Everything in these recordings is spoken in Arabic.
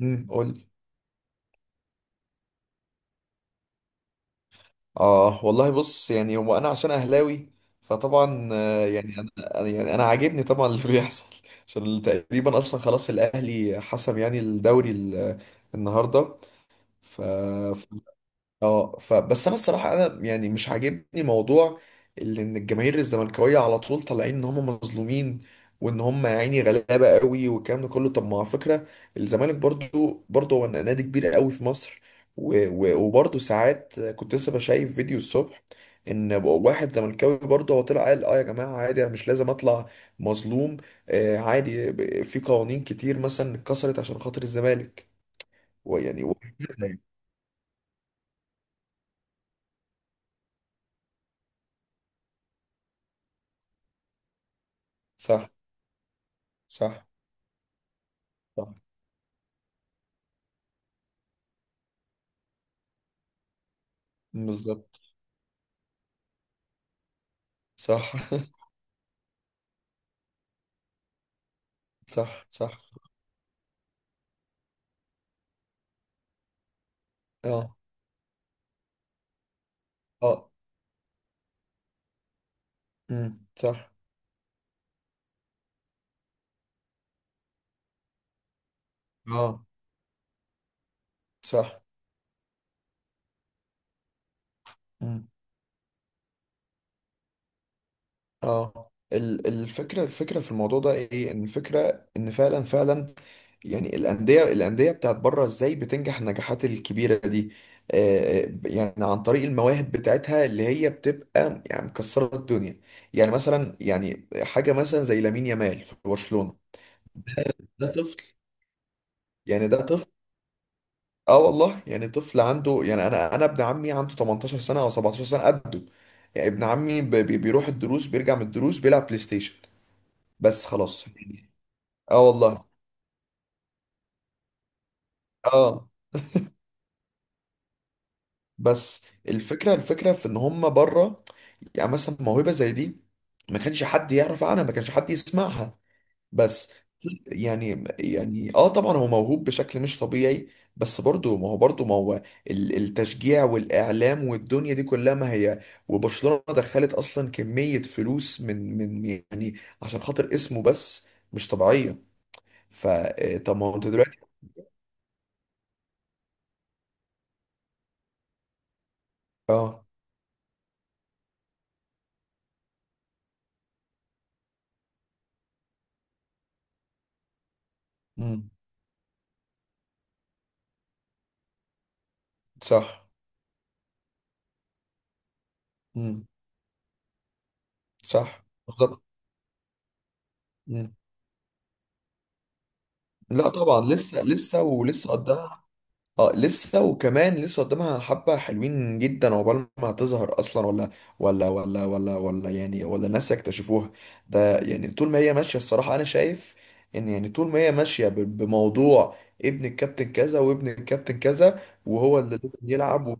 قول لي. اه والله، بص يعني هو انا عشان اهلاوي، فطبعا يعني يعني انا عاجبني طبعا اللي بيحصل، عشان تقريبا اصلا خلاص الاهلي حسم يعني الدوري النهارده ف اه. فبس انا الصراحه انا يعني مش عاجبني موضوع اللي ان الجماهير الزملكاويه على طول طالعين ان هم مظلومين، وان هم يا عيني غلابه قوي والكلام ده كله. طب ما على فكره الزمالك برضو هو نادي كبير قوي في مصر. و- و- وبرضو ساعات كنت لسه بشايف فيديو الصبح، ان واحد زملكاوي برضه هو طلع قال: اه يا جماعه عادي، انا مش لازم اطلع مظلوم. عادي، في قوانين كتير مثلا اتكسرت عشان خاطر الزمالك، ويعني وكده يعني. صح، صح، صح، بالظبط. صح، صح، صح، اه، اه، امم، صح، اه، صح، امم، اه. الفكرة في الموضوع ده ايه؟ ان الفكرة ان فعلا فعلا يعني الأندية بتاعت بره ازاي بتنجح النجاحات الكبيرة دي؟ يعني عن طريق المواهب بتاعتها اللي هي بتبقى يعني مكسرة الدنيا. يعني مثلا، يعني حاجة مثلا زي لامين يامال في برشلونة، ده طفل، يعني ده. اه والله يعني طفل، عنده يعني انا ابن عمي عنده 18 سنه او 17 سنه قده. يعني ابن عمي بيروح الدروس بيرجع من الدروس بيلعب بلاي ستيشن بس، خلاص يعني. اه والله، اه. بس الفكره، الفكره في ان هم بره، يعني مثلا موهبه زي دي ما كانش حد يعرف عنها، ما كانش حد يسمعها بس. يعني، طبعا هو موهوب بشكل مش طبيعي، بس برضه ما هو التشجيع والاعلام والدنيا دي كلها، ما هي وبرشلونة دخلت اصلا كمية فلوس من يعني عشان خاطر اسمه بس، مش طبيعية. فطب ما هو انت دلوقتي. اه، امم، صح، امم، صح، بالظبط. مم. لا طبعا لسه، لسه ولسه قدامها. اه، لسه وكمان لسه قدامها حبة حلوين جدا عقبال ما هتظهر اصلا. ولا الناس يكتشفوها. ده يعني طول ما هي ماشية، الصراحة انا شايف ان يعني طول ما هي ماشية بموضوع ابن الكابتن كذا وابن الكابتن كذا، وهو اللي لازم يلعب و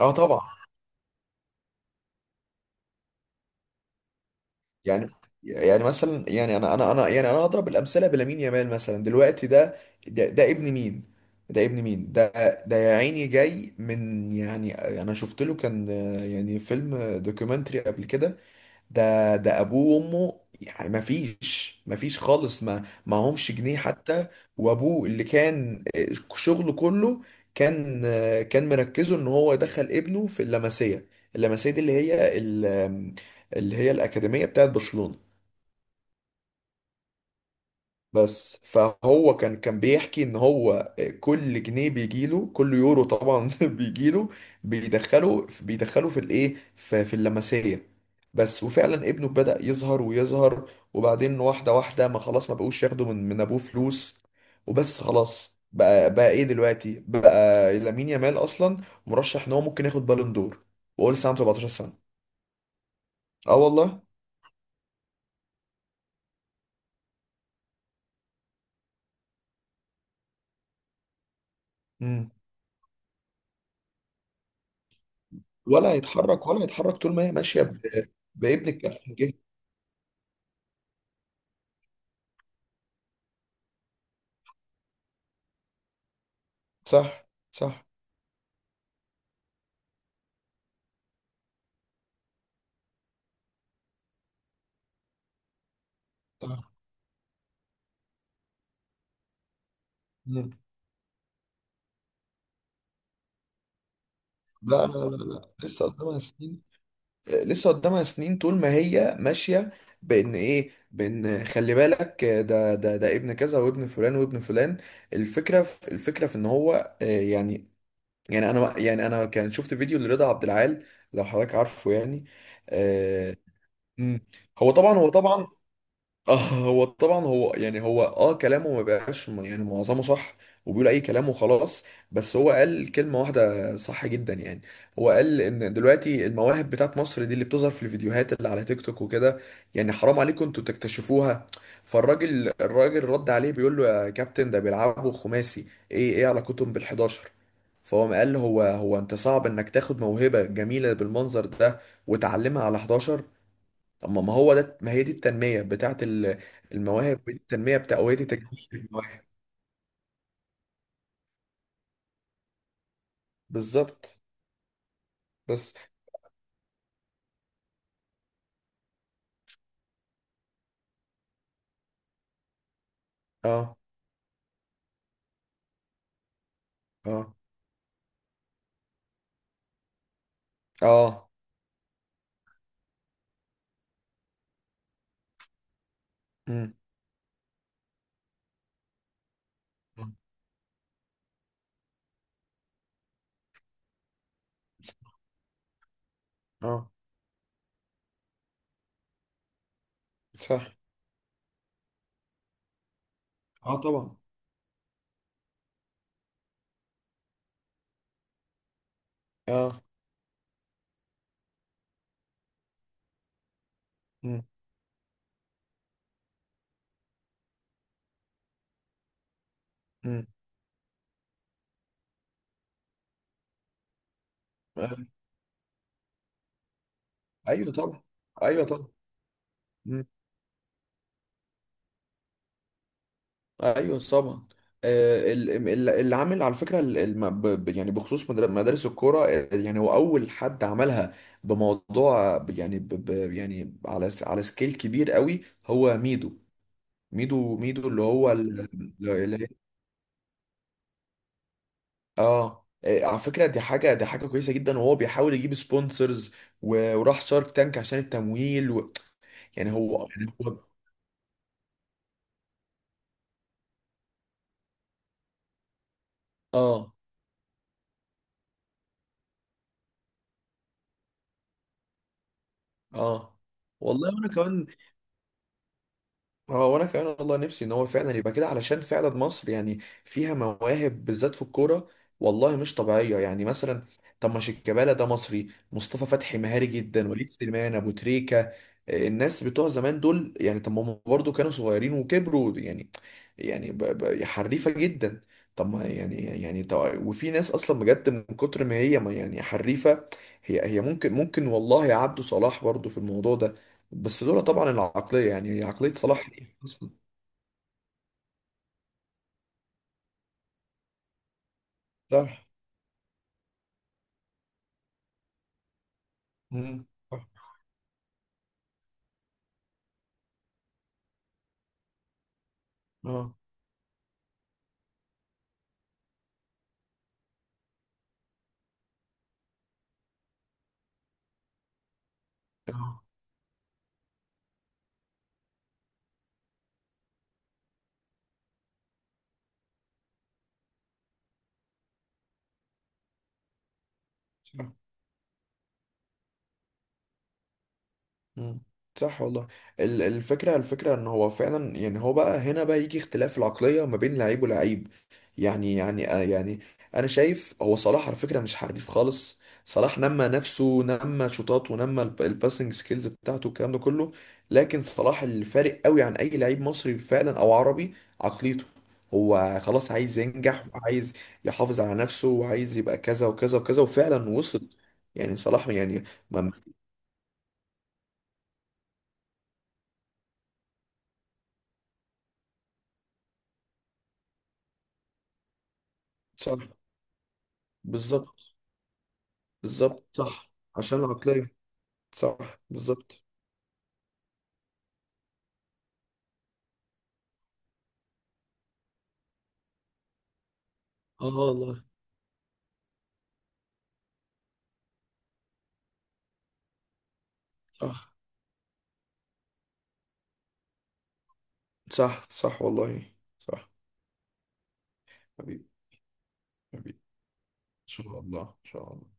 اه طبعا. يعني، يعني مثلا، يعني انا اضرب الامثله بلامين يامال مثلا دلوقتي ده. ده ابن مين؟ ده ابن مين ده؟ ده يا عيني جاي من يعني، انا شفت له كان يعني فيلم دوكيومنتري قبل كده. ده ابوه وامه يعني ما فيش خالص، ما همش جنيه حتى، وابوه اللي كان آه، شغله كله، كان مركزه ان هو يدخل ابنه في اللمسيه، اللمسيه دي اللي هي الاكاديميه بتاعت برشلونه بس. فهو كان بيحكي ان هو، كل جنيه بيجيله، كل يورو طبعا بيجيله بيدخله في الايه، في اللمسيه بس. وفعلا ابنه بدأ يظهر ويظهر، وبعدين واحده واحده ما خلاص ما بقوش ياخدوا من ابوه فلوس، وبس خلاص. بقى ايه دلوقتي؟ بقى لامين يامال اصلا مرشح ان هو ممكن ياخد بالون دور وهو لسه عنده 17 سنه. اه والله. مم. ولا هيتحرك، ولا هيتحرك طول ما هي ماشيه بابن الكفن. صح، صح، صح. مم. لا, لسه قدامها سنين، لسه قدامها سنين طول ما هي ماشية، بإن إيه، بإن خلي بالك ده ابن كذا، وابن فلان، وابن فلان. الفكرة في إن هو يعني. أنا يعني، أنا كان شفت فيديو لرضا عبد العال، لو حضرتك عارفه يعني. آه، مم. هو طبعا، هو طبعا، هو اه كلامه ما بقاش يعني معظمه صح، وبيقول اي كلام وخلاص. بس هو قال كلمة واحدة صح جدا يعني. هو قال ان دلوقتي المواهب بتاعت مصر دي اللي بتظهر في الفيديوهات اللي على تيك توك وكده، يعني حرام عليكم انتوا تكتشفوها. فالراجل، رد عليه بيقول له: يا كابتن ده بيلعبوا خماسي، ايه علاقتهم بال11؟ فهو قال له: هو انت صعب انك تاخد موهبة جميلة بالمنظر ده وتعلمها على 11. اما ما هو ده، ما هي دي التنميه بتاعه المواهب، ودي التنميه بتاع، ودي تكوين المواهب. بالظبط. بس، اه، اه، اه، امم، اه، آه، صح، اه، طبعا، اه، امم، امم، آه. ايوه طبعا، ايوه طبعا، امم، ايوه طبعا. اللي عامل على فكره، يعني بخصوص مدارس الكوره يعني، هو اول حد عملها بموضوع، يعني يعني على على سكيل كبير قوي، هو ميدو. ميدو اللي هو اللي. اه إيه، على فكرة دي حاجة، كويسة جدا وهو بيحاول يجيب سبونسرز، وراح شارك تانك عشان التمويل و هو. اه اه والله وانا كمان. اه وانا كمان والله، نفسي ان هو فعلا يبقى كده، علشان فعلا مصر يعني فيها مواهب بالذات في الكوره والله، مش طبيعيه. يعني مثلا طب ما شيكابالا ده مصري، مصطفى فتحي مهاري جدا، وليد سليمان، ابو تريكه، الناس بتوع زمان دول. يعني طب ما هم برضه كانوا صغيرين وكبروا يعني، يعني حريفه جدا. طب ما يعني، طب وفي ناس اصلا بجد من كتر ما هي، ما يعني، حريفه. هي ممكن، ممكن والله عبده صلاح برضه في الموضوع ده، بس لولا طبعا العقلية، يعني عقلية صلاح. صح. مم. صح. اه. آه. صح. مم. صح والله. الفكرة ان هو فعلا، يعني هو بقى هنا بقى يجي اختلاف العقلية ما بين لعيب ولعيب. يعني، انا شايف هو صلاح على فكرة مش حريف خالص. صلاح نمى نفسه، نمى شوطات، ونمى الباسنج سكيلز بتاعته، الكلام ده كله. لكن صلاح الفارق قوي عن اي لعيب مصري فعلا او عربي، عقليته. هو خلاص عايز ينجح، وعايز يحافظ على نفسه، وعايز يبقى كذا وكذا وكذا، وفعلا وصل. يعني صلاح يعني، ما. صح، بالظبط. بالظبط، صح، عشان العقلية. صح، بالظبط. اه والله. صح، صح، صح، صح والله صح. حبيبي. حبيبي. ان شاء الله، ان شاء الله.